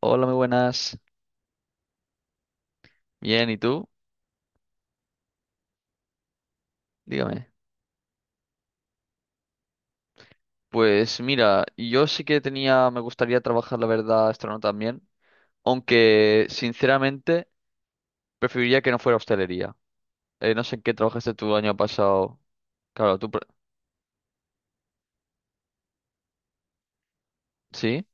Hola, muy buenas. Bien, ¿y tú? Dígame. Pues mira, yo sí que tenía, me gustaría trabajar, la verdad, esto también, aunque sinceramente preferiría que no fuera hostelería. No sé en qué trabajaste tú el año pasado. Claro, tú. ¿Sí?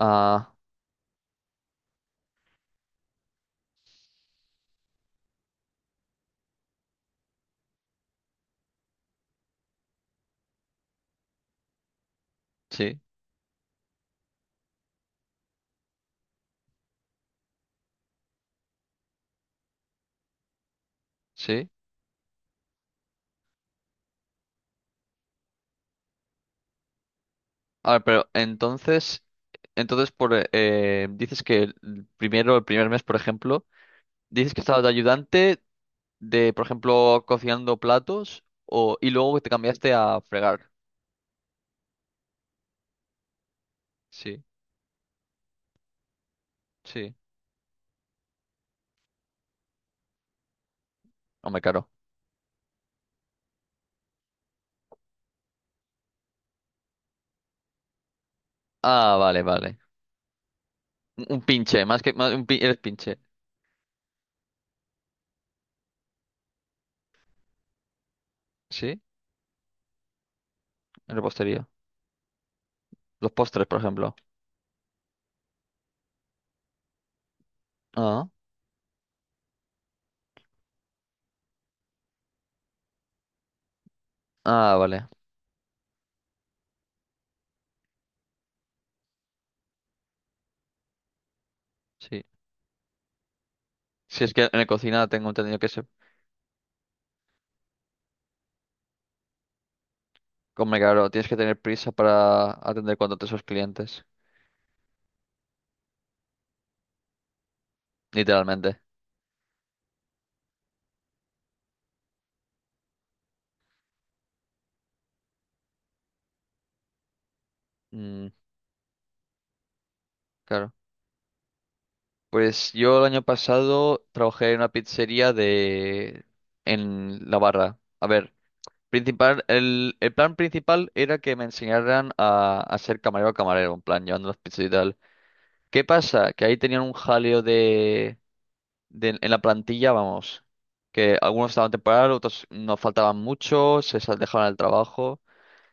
Ah, sí, sí. A ver, pero entonces dices que el primer mes, por ejemplo, dices que estabas de ayudante de, por ejemplo, cocinando platos o, y luego te cambiaste a fregar. Sí. Sí. Hombre, claro. Ah, vale, vale. Un pinche, más que más, un pin- eres pinche. ¿Sí? En repostería. Los postres, por ejemplo. Ah, ah, vale. Sí. Si es que en la cocina tengo entendido que se. Come claro, tienes que tener prisa para atender cuanto antes a los clientes. Literalmente. Mm, claro. Pues yo el año pasado trabajé en una pizzería. En la barra. A ver, el plan principal era que me enseñaran a ser camarero camarero, en plan, llevando las pizzas y tal. ¿Qué pasa? Que ahí tenían un jaleo en la plantilla, vamos, que algunos estaban temporal, otros no faltaban mucho, dejaban el trabajo.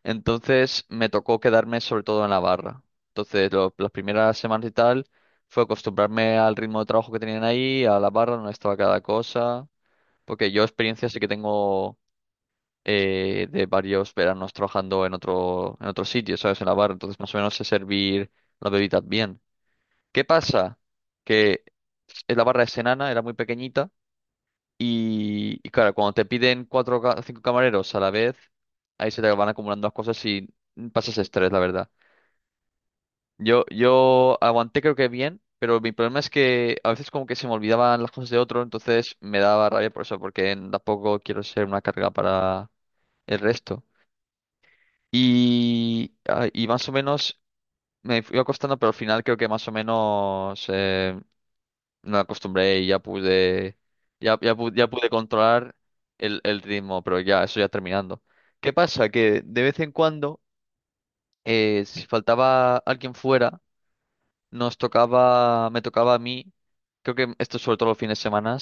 Entonces me tocó quedarme sobre todo en la barra. Entonces las primeras semanas y tal fue acostumbrarme al ritmo de trabajo que tenían ahí, a la barra donde estaba cada cosa, porque yo experiencia sí que tengo de varios veranos trabajando en otro sitio, ¿sabes? En la barra, entonces más o menos sé servir las bebidas bien. ¿Qué pasa? Que la barra es enana, era muy pequeñita y claro, cuando te piden cuatro o cinco camareros a la vez, ahí se te van acumulando las cosas y pasas estrés, la verdad. Yo aguanté creo que bien, pero mi problema es que a veces como que se me olvidaban las cosas de otro, entonces me daba rabia por eso, porque tampoco quiero ser una carga para el resto. Y más o menos me fui acostando, pero al final creo que más o me acostumbré y ya pude, ya pude controlar el ritmo, pero ya, eso ya terminando. ¿Qué pasa? Que de vez en cuando, si faltaba alguien fuera, me tocaba a mí, creo que esto sobre todo los fines de semana,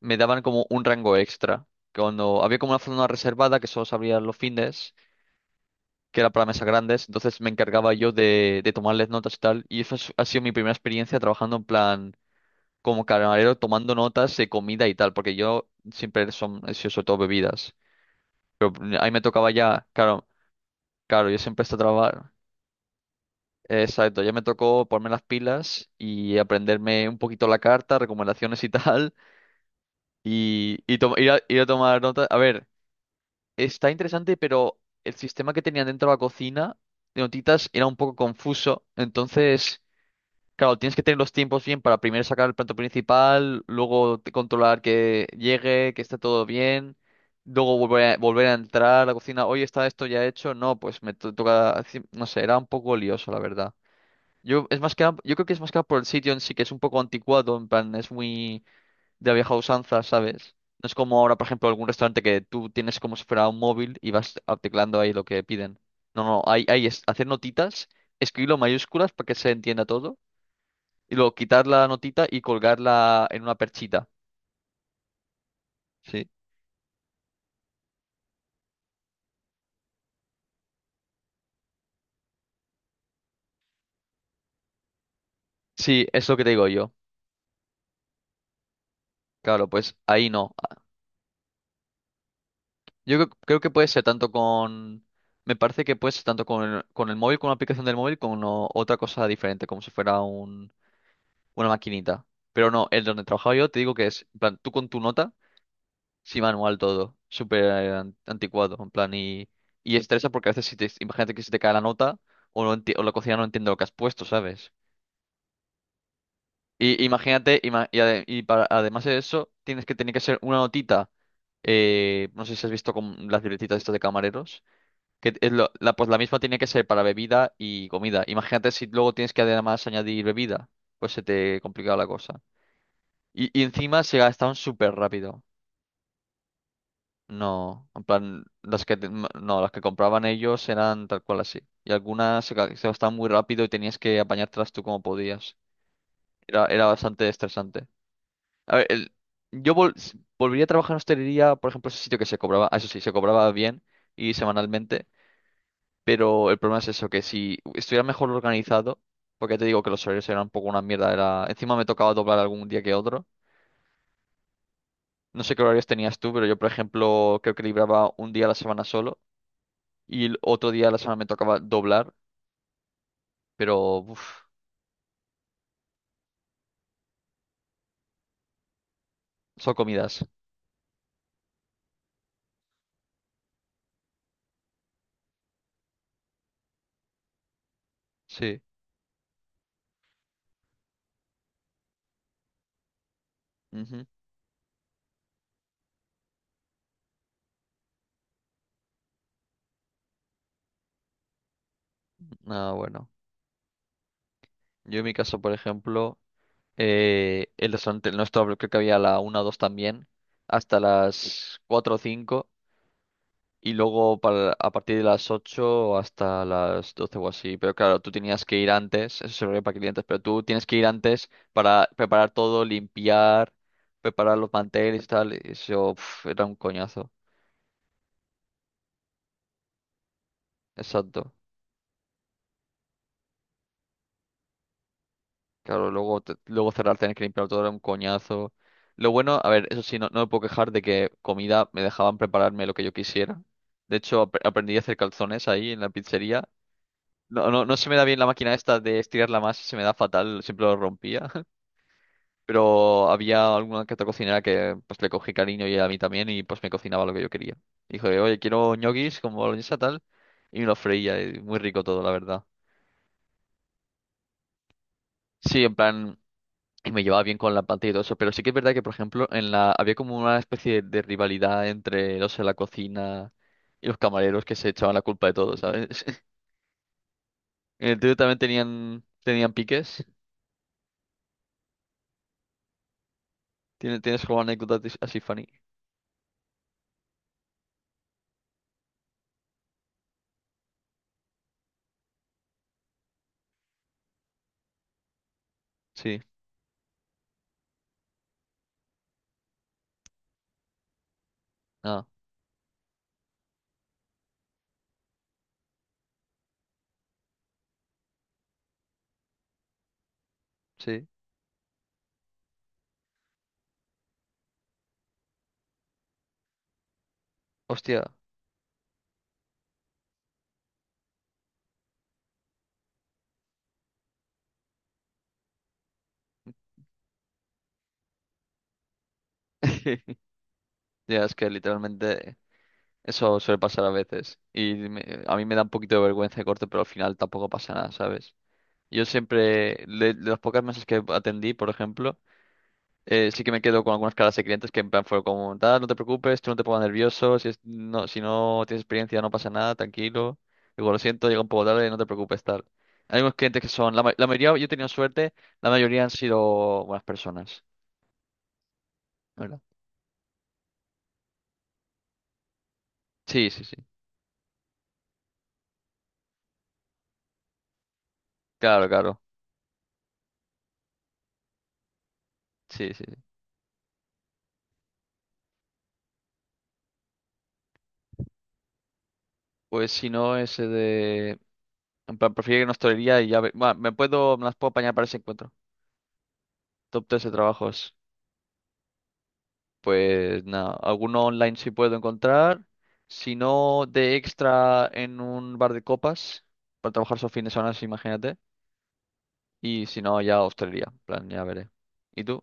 me daban como un rango extra. Que cuando había como una zona reservada que solo se abría los fines, que era para mesas grandes, entonces me encargaba yo de tomarles notas y tal, y eso ha sido mi primera experiencia trabajando en plan como camarero tomando notas de comida y tal, porque yo siempre he sido sobre todo bebidas. Pero ahí me tocaba ya, claro, claro, yo siempre estaba trabajar. Exacto, ya me tocó ponerme las pilas y aprenderme un poquito la carta, recomendaciones y tal, ir a tomar notas. A ver, está interesante, pero el sistema que tenían dentro de la cocina de notitas era un poco confuso, entonces claro, tienes que tener los tiempos bien para primero sacar el plato principal, luego controlar que llegue, que esté todo bien, luego volver a entrar a la cocina, oye, ¿está esto ya hecho? No, pues me toca, no sé, era un poco lioso, la verdad. Yo creo que es más que nada por el sitio en sí, que es un poco anticuado, en plan, es muy de la vieja usanza, ¿sabes? No es como ahora, por ejemplo, algún restaurante que tú tienes como si fuera un móvil y vas teclando ahí lo que piden. No, no, hay es hacer notitas, escribirlo en mayúsculas para que se entienda todo y luego quitar la notita y colgarla en una perchita. Sí. Sí, es lo que te digo yo. Claro, pues ahí no. Ah. Yo creo que puede ser tanto con. Me parece que puede ser tanto con el, móvil, con una aplicación del móvil, con otra cosa diferente, como si fuera una maquinita. Pero no, el donde trabajaba yo te digo que es, en plan, tú con tu nota, sí manual todo, súper anticuado, en plan, y estresa porque a veces si te, imagínate que se te cae la nota o la cocina no entiende lo que has puesto, ¿sabes? Y imagínate, ima- y, ade- y para, además de eso, tienes que tener que hacer una notita. No sé si has visto con las libretitas estas de camareros. Que es lo- la, pues la misma tiene que ser para bebida y comida. Imagínate si luego tienes que además añadir bebida. Pues se te complica la cosa. Y encima se gastaban súper rápido. No, en plan, las que, te- m- no, las que compraban ellos eran tal cual así. Y algunas se gastaban muy rápido y tenías que apañártelas tú como podías. Era bastante estresante. A ver, volvería a trabajar en hostelería, por ejemplo, ese sitio que se cobraba, eso sí, se cobraba bien y semanalmente, pero el problema es eso, que si estuviera mejor organizado, porque ya te digo que los horarios eran un poco una mierda, encima me tocaba doblar algún día que otro. No sé qué horarios tenías tú, pero yo, por ejemplo, creo que libraba un día a la semana solo y el otro día a la semana me tocaba doblar, pero uf, son comidas, sí. Ujú. Ah, bueno. Yo en mi caso, por el restaurante, el nuestro, creo que había a la una o 2 también, hasta las 4 o 5 y luego a partir de las 8 hasta las 12 o así. Pero claro, tú tenías que ir antes, eso se ve para clientes, pero tú tienes que ir antes para preparar todo, limpiar, preparar los manteles y tal, y eso pf, era un coñazo. Exacto. Claro, luego, luego cerrar, tener que limpiar todo era un coñazo. Lo bueno, a ver, eso sí, no, no me puedo quejar de que comida me dejaban prepararme lo que yo quisiera. De hecho, aprendí a hacer calzones ahí en la pizzería. No, no, no se me da bien la máquina esta de estirar la masa, se me da fatal, siempre lo rompía. Pero había alguna que otra cocinera que pues le cogí cariño y a mí también y pues me cocinaba lo que yo quería. Dijo, oye, quiero ñoquis con boloñesa tal. Y me lo freía, y muy rico todo, la verdad. Sí, en plan, y me llevaba bien con la pantalla y todo eso, pero sí que es verdad que, por ejemplo, en la había como una especie rivalidad entre los de la cocina y los camareros que se echaban la culpa de todo, ¿sabes? En el tuyo también tenían piques. ¿Tienes alguna anécdota así funny? Sí. Ah, sí. Hostia. Ya, es que literalmente eso suele pasar a veces. Y a mí me da un poquito de vergüenza de corte, pero al final tampoco pasa nada, ¿sabes? Yo siempre, de las pocas mesas que atendí, por ejemplo, sí que me quedo con algunas caras de clientes que en plan fue como, tal, no te preocupes, tú no te pongas nervioso, si no tienes experiencia no pasa nada, tranquilo. Digo, lo siento, llega un poco tarde, no te preocupes, tal. Hay unos clientes que la mayoría, yo he tenido suerte, la mayoría han sido buenas personas, la ¿verdad? Sí, sí, sí. Claro, claro. Sí, sí, sí. Pues si no, ese de. En plan, prefiero que no hostelería y bueno, me las puedo apañar para ese encuentro. Top 3 de trabajos. Pues nada, alguno online sí puedo encontrar, si no de extra en un bar de copas, para trabajar esos fines de semana, sí, imagínate, y si no ya hostelería, en plan, ya veré. ¿Y tú?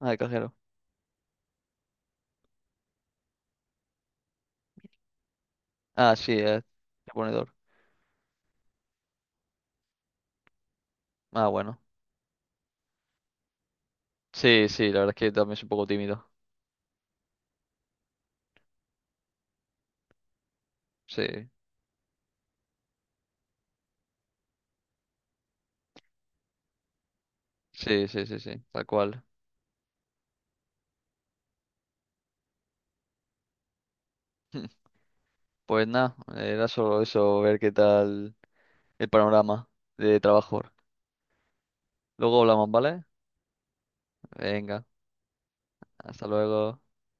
Ah, de cajero. Ah, sí, de ponedor. Ah, bueno. Sí, sí, la verdad es que también soy un poco tímido. Sí, sí, sí, sí, sí, tal cual. Pues nada, era solo eso, ver qué tal el panorama de trabajo. Luego hablamos, ¿vale? Venga, hasta luego.